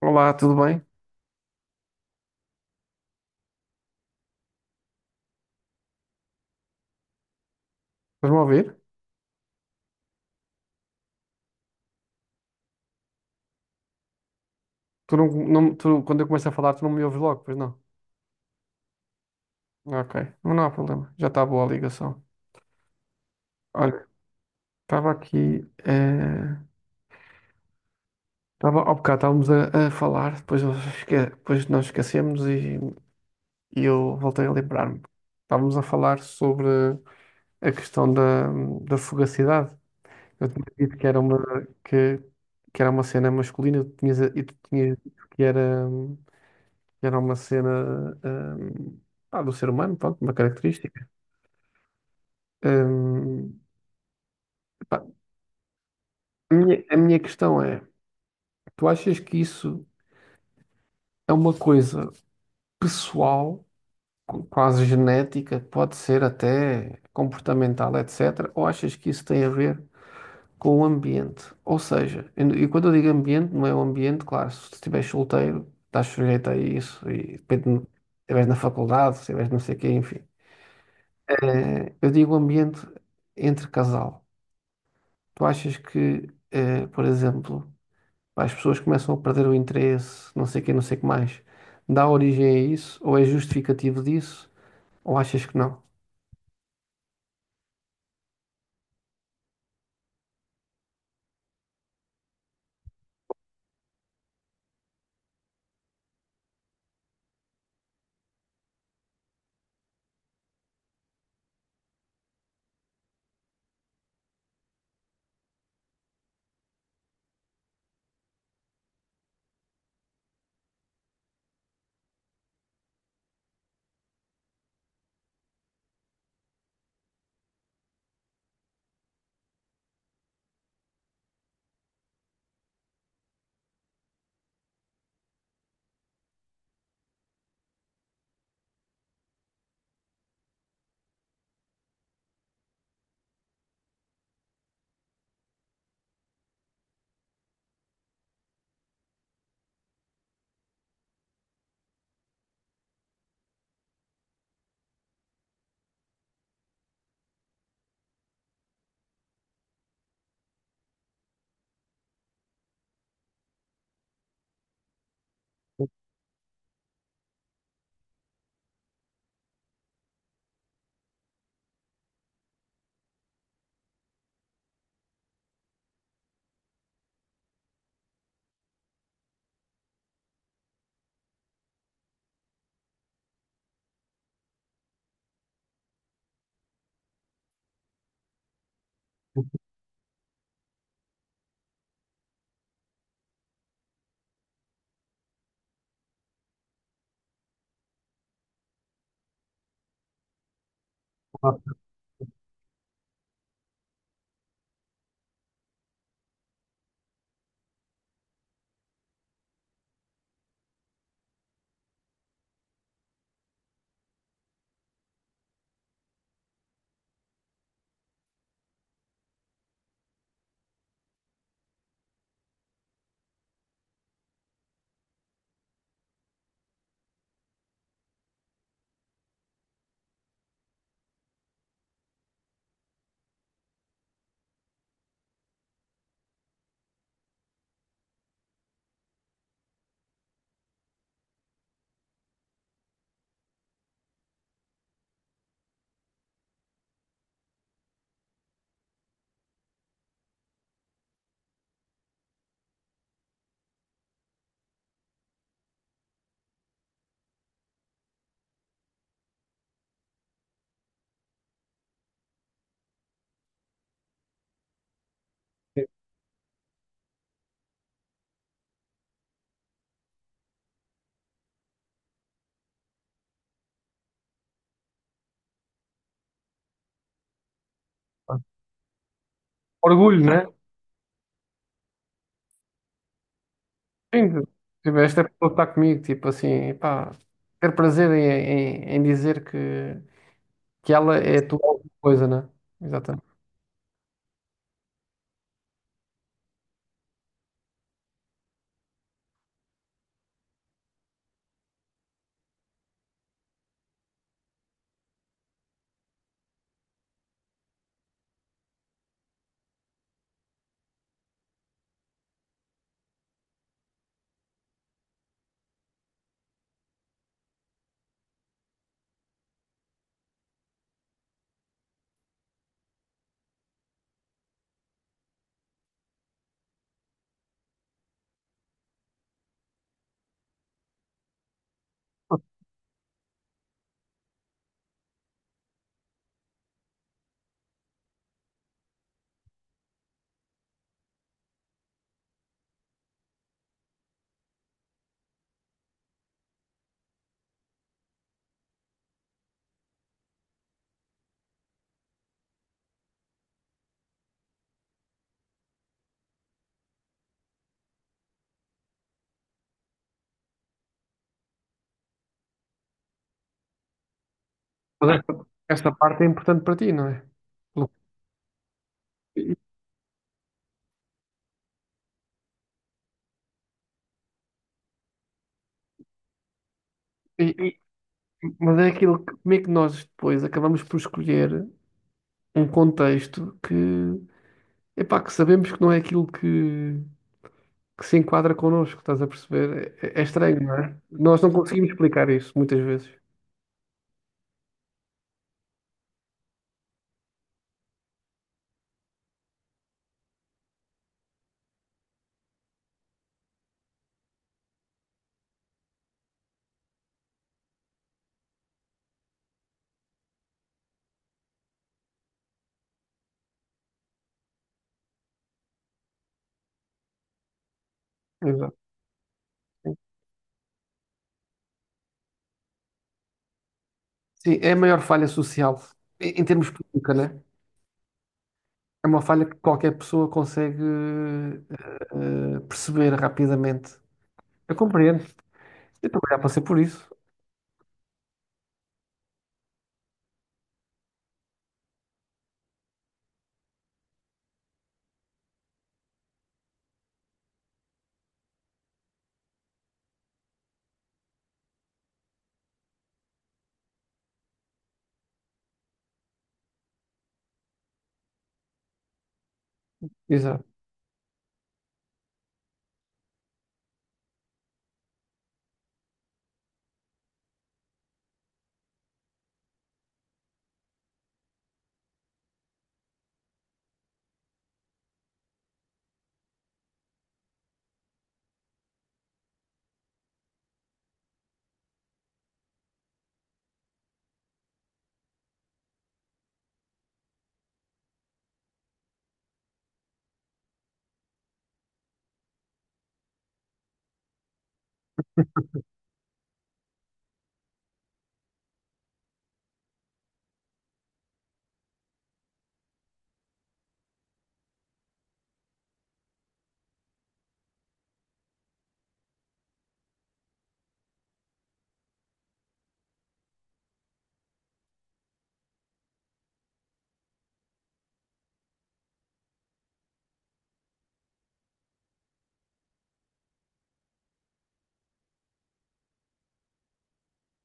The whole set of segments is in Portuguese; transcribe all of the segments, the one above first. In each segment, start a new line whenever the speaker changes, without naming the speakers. Olá, tudo bem? Estás-me a ouvir? Tu não, quando eu começo a falar, tu não me ouves logo, pois não? Ok, mas não há problema, já está boa a ligação. Olha, estava aqui, estava, ao bocado estávamos a falar, depois, depois nós esquecemos e eu voltei a lembrar-me. Estávamos a falar sobre a questão da fugacidade. Eu tinha dito que era uma, que, que era uma cena masculina e e tu tinhas dito que era. Era uma cena, pá, do ser humano, pronto, uma característica. Hum, pá, a minha questão é, tu achas que isso é uma coisa pessoal, quase genética, pode ser até comportamental, etc., ou achas que isso tem a ver com o ambiente? Ou seja, e quando eu digo ambiente, não é o ambiente, claro, se estiveres solteiro, estás sujeito a isso, e depende, se estiveres na faculdade, se estiveres não sei o quê, enfim. Eu digo ambiente entre casal. Tu achas que, por exemplo, as pessoas começam a perder o interesse, não sei quem, não sei o que mais, dá origem a isso? Ou é justificativo disso? Ou achas que não? Orgulho, né? Sim, tipo, esta pessoa está comigo, tipo assim, pá, ter prazer em dizer que ela é a tua alguma coisa, né? Exatamente. Mas esta parte é importante para ti, não é? E- e- e- mas é aquilo que, como é que nós depois acabamos por escolher. Um contexto que, epá, que sabemos que não é aquilo que se enquadra connosco, estás a perceber? É, é estranho, não é? Nós não conseguimos explicar isso muitas vezes. Exato. Sim, é a maior falha social, em termos pública, né? É uma falha que qualquer pessoa consegue perceber rapidamente. Eu compreendo. Eu também já passei por isso. Exato,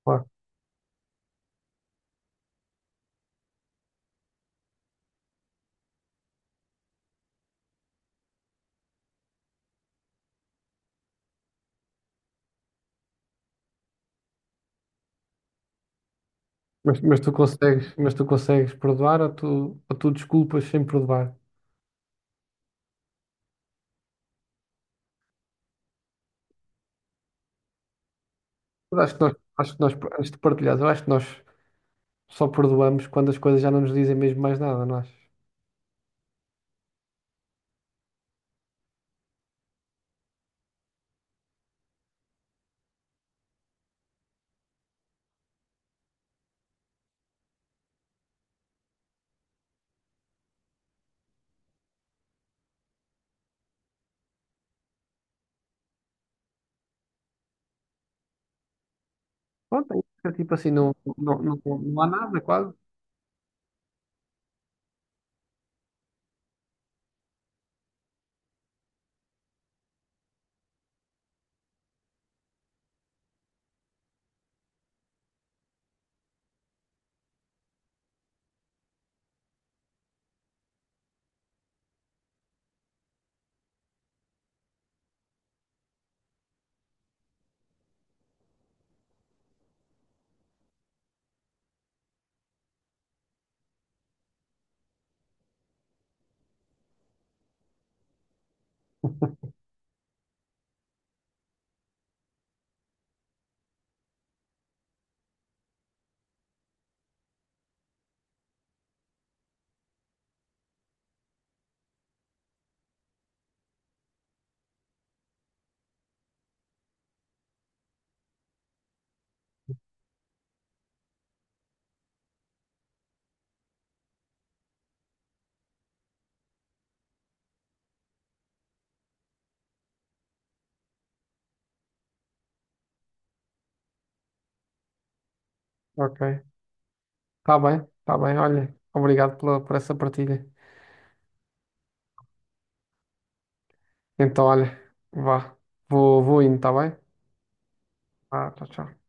claro. Mas tu consegues perdoar ou tu desculpas sem perdoar? Mas Acho que nós, acho que nós, antes de partilhares, eu acho que nós só perdoamos quando as coisas já não nos dizem mesmo mais nada, não achas? Pronto, aí fica tipo assim, não, não, não, não há nada quase. Ok, está bem, olha, obrigado pela, por essa partilha. Então, olha, vá. Vou indo, tá bem? Ah, tchau, tchau.